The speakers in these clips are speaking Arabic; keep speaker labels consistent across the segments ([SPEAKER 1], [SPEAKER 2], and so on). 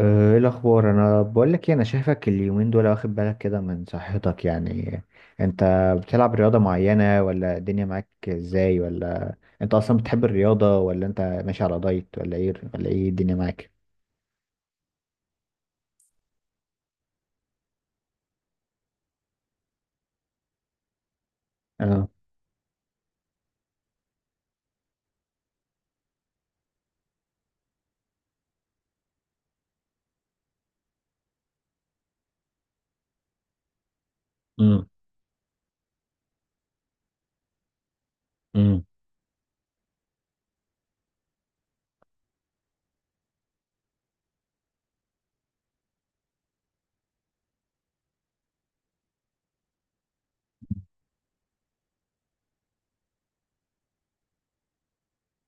[SPEAKER 1] ايه الاخبار؟ انا بقول لك انا شايفك اليومين دول واخد بالك كده من صحتك، يعني انت بتلعب رياضة معينة، ولا الدنيا معاك ازاي؟ ولا انت اصلا بتحب الرياضة، ولا انت ماشي على دايت، ولا ايه؟ ولا ايه الدنيا معاك؟ اه. امم.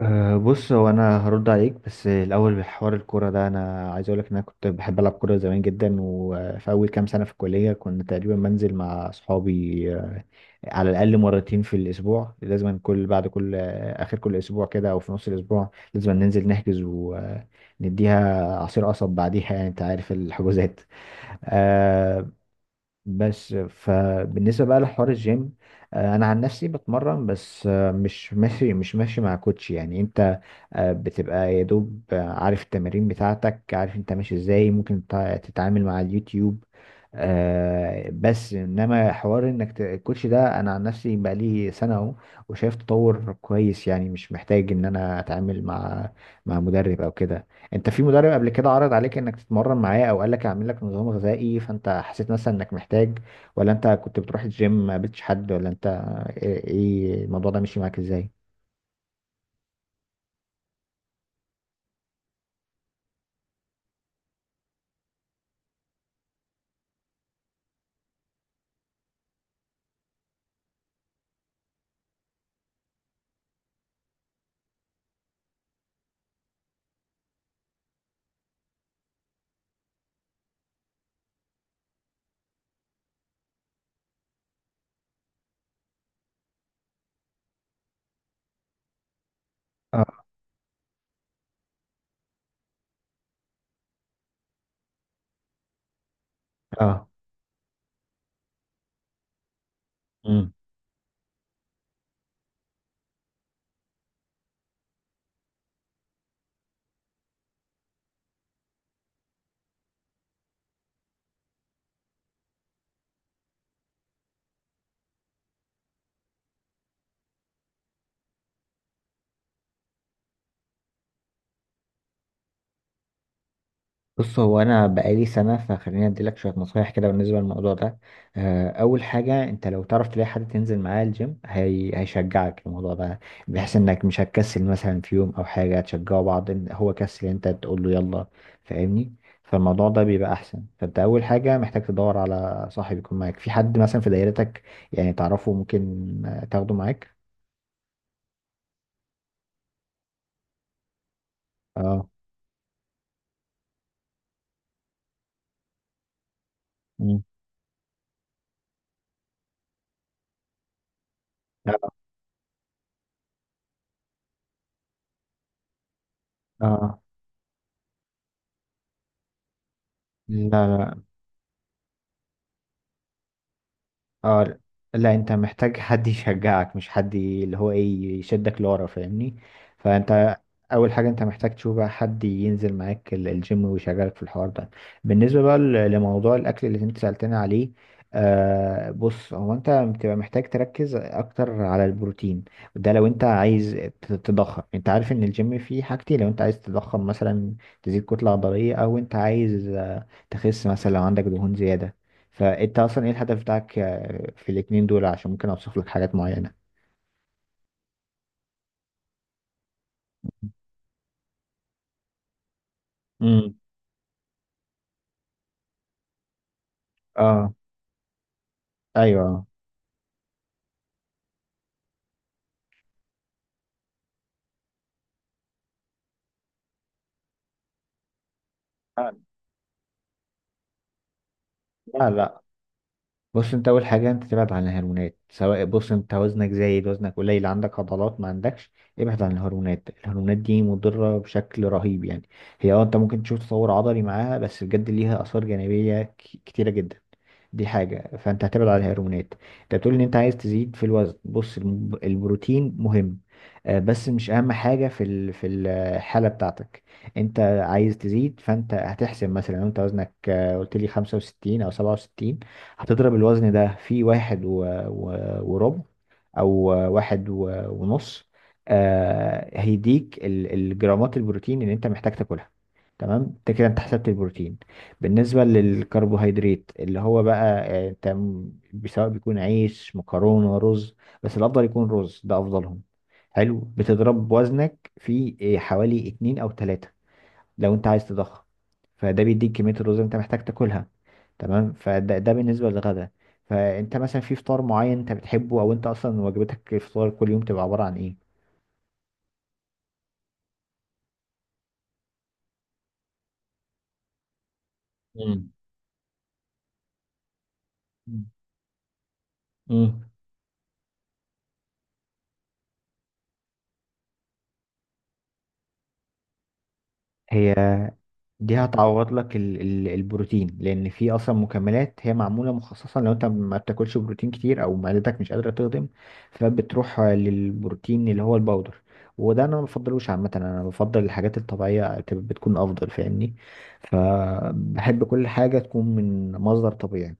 [SPEAKER 1] بص، هو انا هرد عليك بس الاول بحوار الكوره ده. انا عايز اقول لك ان انا كنت بحب العب كوره زمان جدا، وفي اول كام سنه في الكليه كنت تقريبا منزل مع اصحابي، على الاقل مرتين في الاسبوع. لازم كل بعد كل اخر كل اسبوع كده او في نص الاسبوع لازم ننزل نحجز ونديها عصير قصب بعديها. يعني انت عارف الحجوزات. أه. بس فبالنسبه بقى لحوار الجيم، انا عن نفسي بتمرن، بس مش ماشي مع كوتش. يعني انت بتبقى يا دوب عارف التمارين بتاعتك، عارف انت ماشي ازاي، ممكن تتعامل مع اليوتيوب. بس انما حوار انك الكوتش ده، انا عن نفسي بقالي سنة اهو وشايف تطور كويس. يعني مش محتاج ان انا اتعامل مع مدرب او كده. انت في مدرب قبل كده عرض عليك انك تتمرن معاه او قال لك اعمل لك نظام غذائي فانت حسيت مثلا انك محتاج؟ ولا انت كنت بتروح الجيم ما قابلتش حد؟ ولا انت ايه، إيه الموضوع ده مشي معاك ازاي؟ آه. اه، بص، هو انا بقالي سنه، فخليني اديلك شويه نصايح كده بالنسبه للموضوع ده. اول حاجه، انت لو تعرف تلاقي حد تنزل معاه الجيم، هيشجعك الموضوع ده، بحيث انك مش هتكسل مثلا في يوم او حاجه، تشجعوا بعض، إن هو كسل انت تقول له يلا، فاهمني؟ فالموضوع ده بيبقى احسن. فانت اول حاجه محتاج تدور على صاحب يكون معاك، في حد مثلا في دايرتك يعني تعرفه، ممكن تاخده معاك. اه. مم. اه. لا، لا. اه، لا. لا، انت محتاج حد يشجعك، مش حد اللي هو ايه، يشدك لورا، فاهمني؟ فانت اول حاجه انت محتاج تشوف بقى حد ينزل معاك الجيم ويشجعك في الحوار ده. بالنسبه بقى لموضوع الاكل اللي انت سالتني عليه، آه، بص، هو انت بتبقى محتاج تركز اكتر على البروتين. ده لو انت عايز تضخم. انت عارف ان الجيم فيه حاجتين، لو انت عايز تضخم مثلا تزيد كتله عضليه، او انت عايز تخس مثلا لو عندك دهون زياده. فانت اصلا ايه الهدف بتاعك في الاتنين دول، عشان ممكن اوصف لك حاجات معينة. امم. اه. ايوه. آه، لا، لا، بص، انت اول حاجه انت تبعد عن الهرمونات. سواء بص، انت وزنك زايد، وزنك قليل، عندك عضلات، ما عندكش، ابعد عن الهرمونات. الهرمونات دي مضره بشكل رهيب يعني. هي اه، انت ممكن تشوف تطور عضلي معاها، بس بجد ليها اثار جانبيه كتيره جدا. دي حاجه، فانت هتبعد عن الهرمونات. انت بتقول ان انت عايز تزيد في الوزن. بص، البروتين مهم، بس مش اهم حاجه في في الحاله بتاعتك. انت عايز تزيد، فانت هتحسب مثلا انت وزنك، قلت لي 65 او 67، هتضرب الوزن ده في واحد و... وربع، او واحد ونص. آه، هيديك الجرامات البروتين اللي انت محتاج تاكلها. تمام، انت كده انت حسبت البروتين. بالنسبه للكربوهيدرات، اللي هو بقى انت سواء بيكون عيش، مكرونه، رز، بس الافضل يكون رز، ده افضلهم. حلو، بتضرب وزنك في حوالي اتنين او تلاتة لو انت عايز تضخم. فده بيديك كمية الرز اللي انت محتاج تاكلها. تمام. ده بالنسبة للغدا. فانت مثلا في فطار معين انت بتحبه، او انت اصلا وجبتك الفطار كل يوم تبقى عبارة عن ايه؟ مم. مم. هي دي هتعوض لك ال ال البروتين، لان في اصلا مكملات هي معموله مخصصه لو انت ما بتاكلش بروتين كتير، او معدتك مش قادره تهضم، فبتروح للبروتين اللي هو الباودر. وده انا ما بفضلوش عامه، انا بفضل الحاجات الطبيعيه، بتكون افضل، فاهمني؟ فبحب كل حاجه تكون من مصدر طبيعي.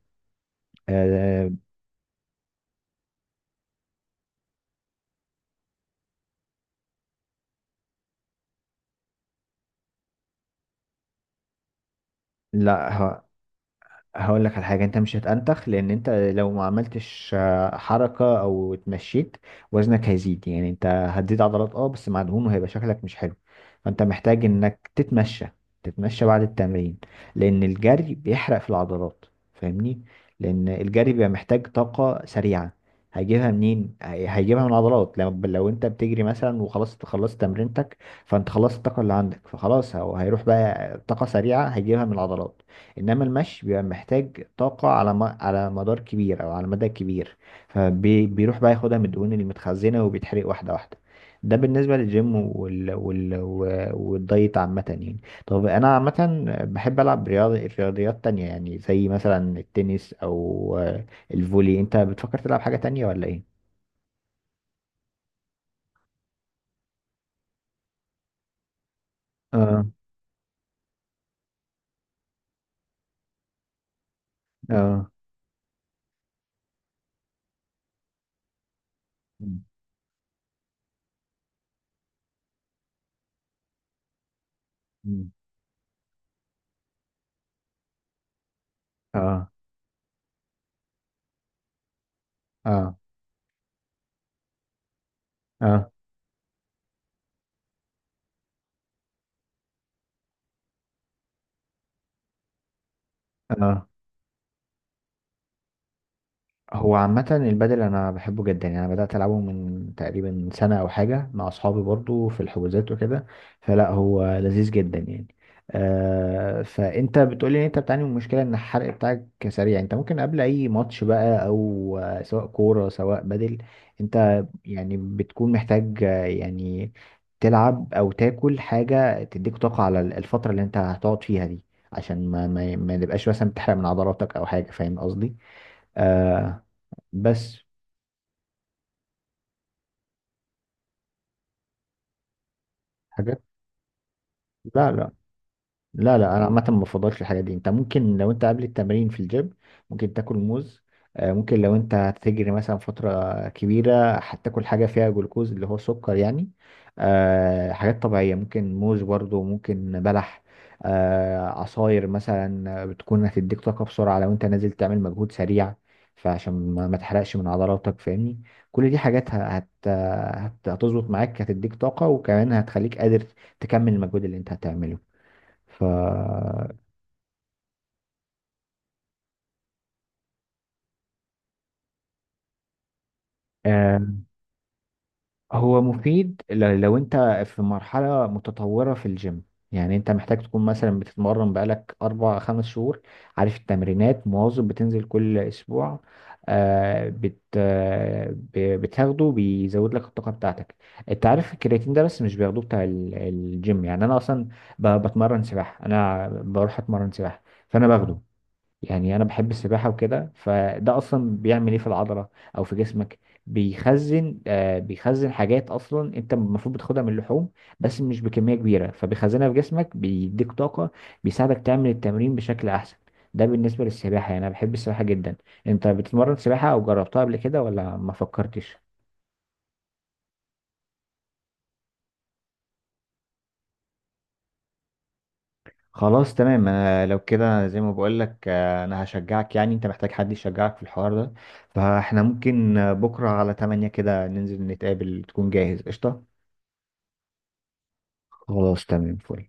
[SPEAKER 1] أه. لا، هقول لك على حاجة، انت مش هتأنتخ، لان انت لو ما عملتش حركة او اتمشيت، وزنك هيزيد، يعني انت هتزيد عضلات اه بس مع دهون، وهيبقى شكلك مش حلو. فانت محتاج انك تتمشى، تتمشى بعد التمرين، لان الجري بيحرق في العضلات، فاهمني؟ لان الجري بيبقى محتاج طاقة سريعة، هيجيبها منين؟ هيجيبها من العضلات. لو انت بتجري مثلا وخلاص خلصت تمرينتك، فانت خلصت الطاقة اللي عندك، فخلاص هيروح بقى طاقة سريعة هيجيبها من العضلات. انما المشي بيبقى محتاج طاقة على على مدار كبير او على مدى كبير، فبيروح بقى ياخدها من الدهون المتخزنة وبيتحرق واحدة واحدة. ده بالنسبة للجيم والدايت عامة يعني. طب انا عامة بحب العب رياضيات تانية يعني، زي مثلا التنس او الفولي. انت بتفكر تلعب حاجة تانية ولا ايه؟ اه. اه. مم. مم. اه. اه. اه. آه. هو عامة البادل أنا بحبه جدا يعني، أنا بدأت ألعبه من تقريبا سنة أو حاجة مع أصحابي برضو في الحجوزات وكده. فلا، هو لذيذ جدا يعني. آه، فأنت بتقولي إن أنت بتعاني من مشكلة إن الحرق بتاعك سريع. أنت ممكن قبل أي ماتش بقى، أو سواء كورة سواء بادل، أنت يعني بتكون محتاج يعني تلعب أو تاكل حاجة تديك طاقة على الفترة اللي أنت هتقعد فيها دي، عشان ما تبقاش مثلا بتحرق من عضلاتك أو حاجة، فاهم قصدي؟ آه. بس حاجات. لا، لا. لا، لا، انا عامه ما بفضلش الحاجات دي. انت ممكن لو انت قبل التمرين في الجيم، ممكن تاكل موز. ممكن لو انت هتجري مثلا فتره كبيره هتاكل حاجه فيها جلوكوز اللي هو سكر يعني. حاجات طبيعيه، ممكن موز برضو، ممكن بلح، عصاير مثلا، بتكون هتديك طاقه بسرعه لو انت نازل تعمل مجهود سريع، فعشان ما تحرقش من عضلاتك، فاهمني؟ كل دي حاجات هتظبط معاك، هتديك طاقه، وكمان هتخليك قادر تكمل المجهود اللي انت هتعمله. ف آه، هو مفيد لو انت في مرحلة متطورة في الجيم، يعني انت محتاج تكون مثلا بتتمرن بقالك اربع خمس شهور، عارف التمرينات، مواظب بتنزل كل اسبوع، بتاخده، بيزود لك الطاقة بتاعتك. انت عارف الكرياتين ده بس مش بياخدوه بتاع الجيم. يعني انا اصلا بتمرن سباحة، انا بروح اتمرن سباحة، فانا باخده. يعني انا بحب السباحه وكده. فده اصلا بيعمل ايه في العضله او في جسمك؟ بيخزن، بيخزن حاجات اصلا انت المفروض بتاخدها من اللحوم، بس مش بكميه كبيره، فبيخزنها في جسمك، بيديك طاقه، بيساعدك تعمل التمرين بشكل احسن. ده بالنسبه للسباحه، يعني انا بحب السباحه جدا. انت بتتمرن سباحه او جربتها قبل كده ولا ما فكرتش؟ خلاص، تمام، انا لو كده زي ما بقول لك انا هشجعك، يعني انت محتاج حد يشجعك في الحوار ده. فاحنا ممكن بكره على 8 كده ننزل نتقابل، تكون جاهز، قشطه. خلاص تمام فل